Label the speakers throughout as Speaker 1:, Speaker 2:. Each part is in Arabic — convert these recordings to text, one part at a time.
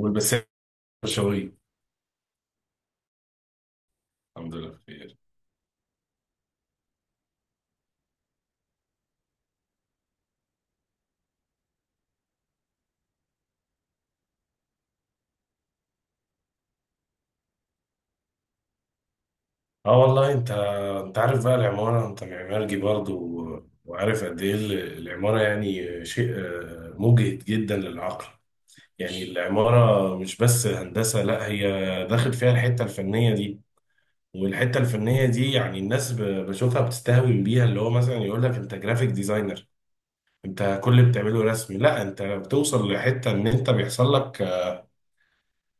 Speaker 1: والبساتين شوي. الحمد لله بخير. اه والله انت عارف بقى العمارة، انت معماري برضه وعارف قد ايه العمارة. يعني شيء مجهد جدا للعقل. يعني العمارة مش بس هندسة، لا هي داخل فيها الحتة الفنية دي، والحتة الفنية دي يعني الناس بشوفها بتستهوي بيها، اللي هو مثلا يقول لك انت جرافيك ديزاينر، انت كل اللي بتعمله رسم. لا، انت بتوصل لحتة ان انت بيحصل لك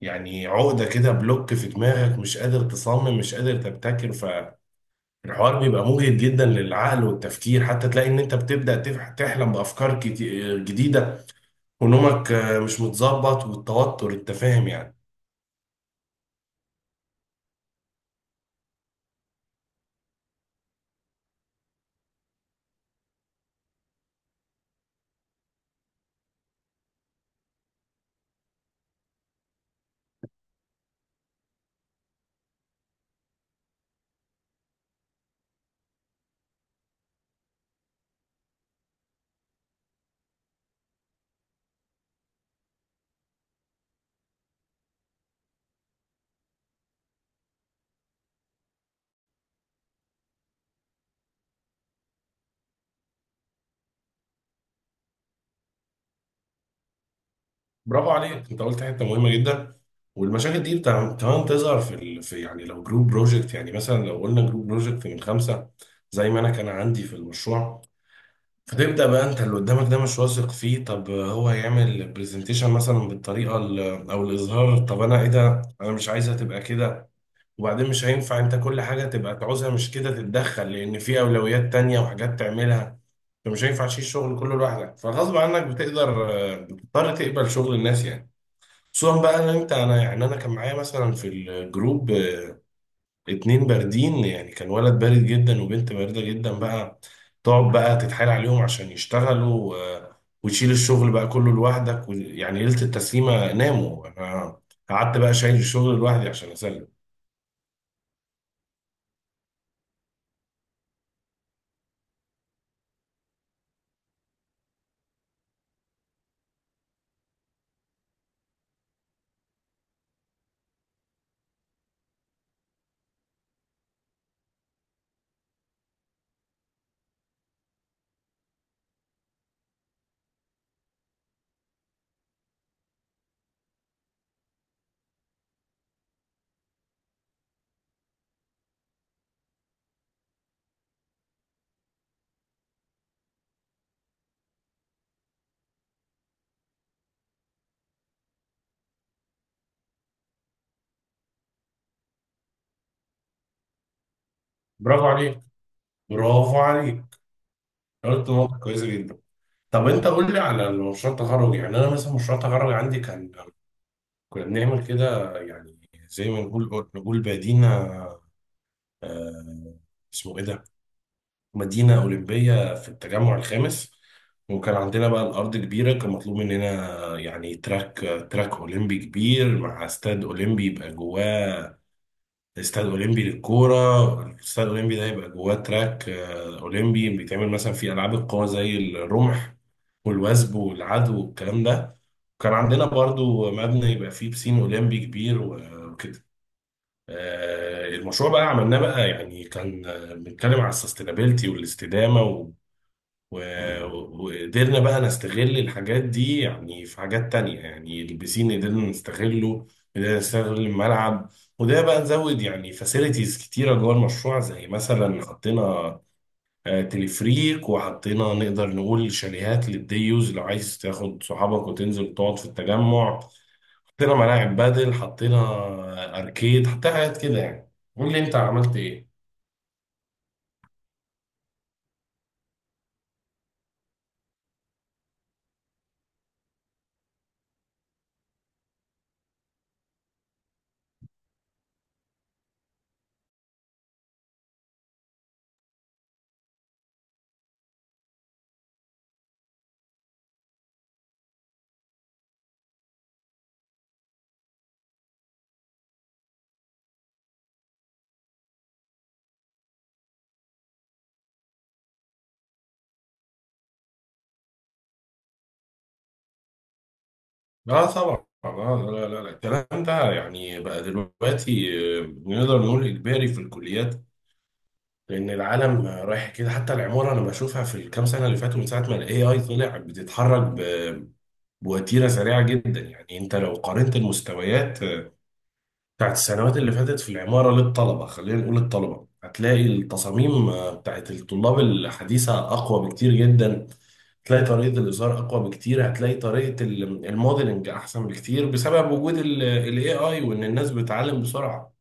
Speaker 1: يعني عقدة كده، بلوك في دماغك، مش قادر تصمم مش قادر تبتكر. فالحوار بيبقى مجهد جدا للعقل والتفكير، حتى تلاقي ان انت بتبدأ تحلم بأفكار جديدة، ونومك مش متظبط، والتوتر، انت فاهم يعني. برافو عليك، انت قلت حتة مهمة جدا. والمشاكل دي كمان تظهر في يعني لو جروب بروجكت، يعني مثلا لو قلنا جروب بروجكت من خمسة، زي ما انا كان عندي في المشروع. فتبدأ بقى انت اللي قدامك ده مش واثق فيه، طب هو هيعمل برزنتيشن مثلا بالطريقة او الاظهار، طب انا ايه ده، انا مش عايزها تبقى كده. وبعدين مش هينفع انت كل حاجة تبقى تعوزها مش كده تتدخل، لان في اولويات تانية وحاجات تعملها. فمش هينفع تشيل الشغل كله لوحدك، فغصب عنك بتقدر، بتضطر تقبل شغل الناس يعني. خصوصا بقى ان انت، انا يعني انا كان معايا مثلا في الجروب اتنين باردين، يعني كان ولد بارد جدا وبنت باردة جدا بقى. تقعد بقى تتحايل عليهم عشان يشتغلوا، وتشيل الشغل بقى كله لوحدك يعني ليلة التسليمة ناموا، انا قعدت بقى شايل الشغل لوحدي عشان اسلم. برافو عليك، برافو عليك، قلت نقطة كويسة جدا. طب انت قول لي على مشروع التخرج. يعني انا مثلا مشروع التخرج عندي كان، كنا بنعمل كده يعني، زي ما نقول، نقول بادينا، آه، اسمه ايه ده، مدينة أولمبية في التجمع الخامس. وكان عندنا بقى الأرض كبيرة، كان مطلوب مننا يعني تراك، تراك أولمبي كبير مع استاد أولمبي يبقى جواه، استاد أولمبي للكورة. الاستاد الأولمبي ده يبقى جواه تراك أولمبي بيتعمل مثلا في ألعاب القوى زي الرمح والوثب والعدو والكلام ده. كان عندنا برضو مبنى يبقى فيه بسين أولمبي كبير وكده. المشروع بقى عملناه بقى يعني، كان بنتكلم على السستينابيلتي والاستدامة، و- وقدرنا بقى نستغل الحاجات دي يعني في حاجات تانية، يعني البسين قدرنا نستغله، قدرنا نستغل الملعب. وده بقى نزود يعني فاسيلتيز كتيرة جوه المشروع، زي مثلا حطينا تلفريك، وحطينا نقدر نقول شاليهات للديوز لو عايز تاخد صحابك وتنزل وتقعد في التجمع. حطينا ملاعب، بدل حطينا أركيد، حطينا حاجات كده يعني. قول لي أنت عملت إيه؟ لا طبعا، لا لا لا، الكلام ده يعني بقى دلوقتي نقدر نقول اجباري في الكليات، لان العالم رايح كده. حتى العماره انا بشوفها في الكام سنه اللي فاتوا من ساعه ما الاي اي طلع، بتتحرك بوتيره سريعه جدا. يعني انت لو قارنت المستويات بتاعت السنوات اللي فاتت في العمارة للطلبة، خلينا نقول الطلبة، هتلاقي التصاميم بتاعت الطلاب الحديثة أقوى بكتير جدا، هتلاقي طريقة الإزهار أقوى بكتير، هتلاقي طريقة الموديلنج أحسن بكتير، بسبب وجود ال AI، وإن الناس بتتعلم بسرعة.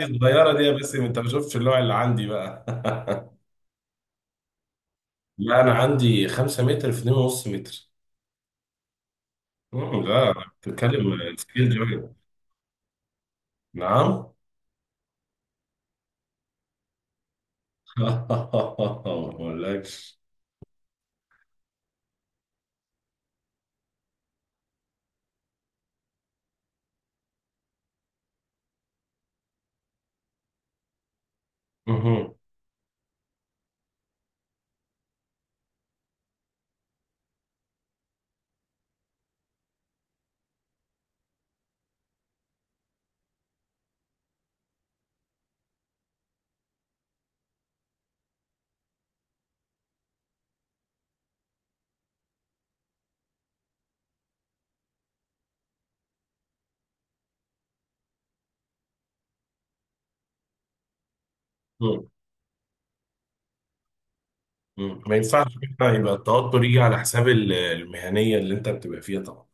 Speaker 1: إيه الصغيرة دي يا باسم، أنت ما شفتش اللوع اللي عندي بقى؟ لا أنا عندي 5 متر في 2.5 متر. مم، لا. بتتكلم سكيل جوي. نعم. ما أقولكش. مهم. مم. ما ينفعش كده يبقى التوتر يجي على حساب المهنية اللي انت بتبقى فيها، طبعا.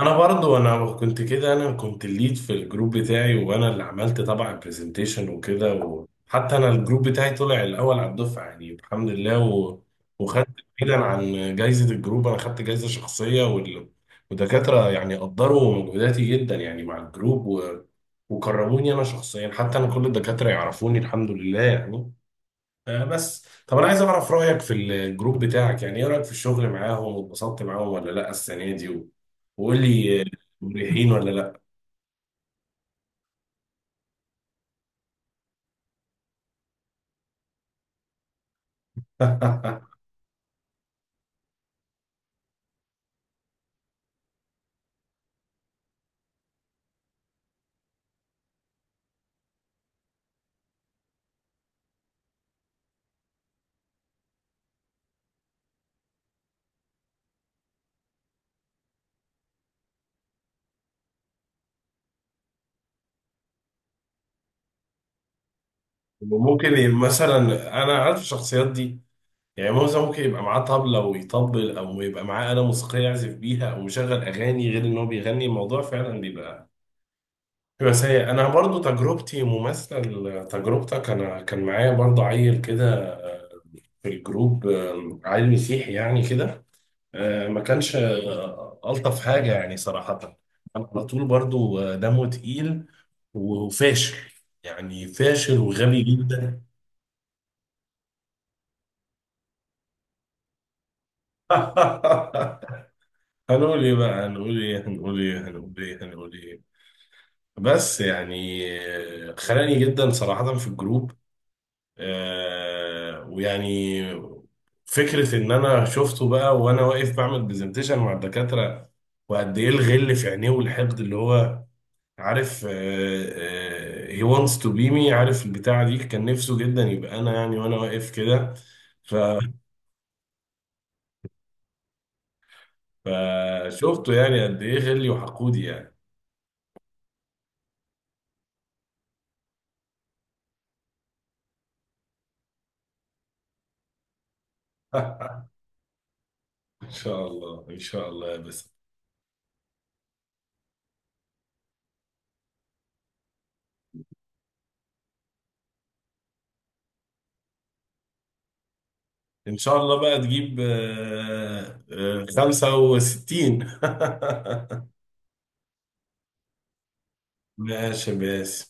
Speaker 1: انا برضو، انا كنت كده، انا كنت الليد في الجروب بتاعي، وانا اللي عملت طبعا البرزنتيشن وكده، وحتى انا الجروب بتاعي طلع الاول على الدفعة يعني الحمد لله، و... وخدت، بعيدا عن جايزة الجروب انا خدت جايزة شخصية، وال... ودكاترة يعني قدروا مجهوداتي جدا يعني مع الجروب، و... وكرموني انا شخصيا، حتى انا كل الدكاترة يعرفوني الحمد لله يعني. بس طب انا عايز اعرف رايك في الجروب بتاعك، يعني ايه رايك في الشغل معاهم، واتبسطت معاهم ولا لا السنه دي؟ وقول لي مريحين ولا لا؟ ممكن مثلا، انا عارف الشخصيات دي، يعني موزة ممكن يبقى معاه طبلة ويطبل، او يبقى معاه آلة موسيقية يعزف بيها، او مشغل اغاني، غير ان هو بيغني، الموضوع فعلا بيبقى سيء. انا برضو تجربتي مماثلة لتجربتك، انا كان معايا برضو عيل كده، آه، في الجروب، عيل مسيحي يعني كده، ما كانش ألطف حاجة يعني صراحة. كان على طول برضو دمه تقيل، وفاشل، يعني فاشل وغبي جدا. هنقول ايه بقى، هنقول ايه، هنقول ايه، هنقول ايه، هنقول ايه. بس يعني خلاني جدا صراحة في الجروب، ويعني فكرة ان انا شفته بقى وانا واقف بعمل برزنتيشن مع الدكاترة، وقد ايه الغل في عينيه والحقد، اللي هو عارف، he wants to be me، عارف البتاعة دي. كان نفسه جدا يبقى أنا يعني، وأنا واقف كده. ف- فشفته يعني قد إيه غلي وحقودي يعني. إن شاء الله إن شاء الله يا بس. إن شاء الله بقى تجيب 65. ماشي يا باسم.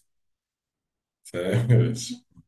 Speaker 1: سلام يا باشا.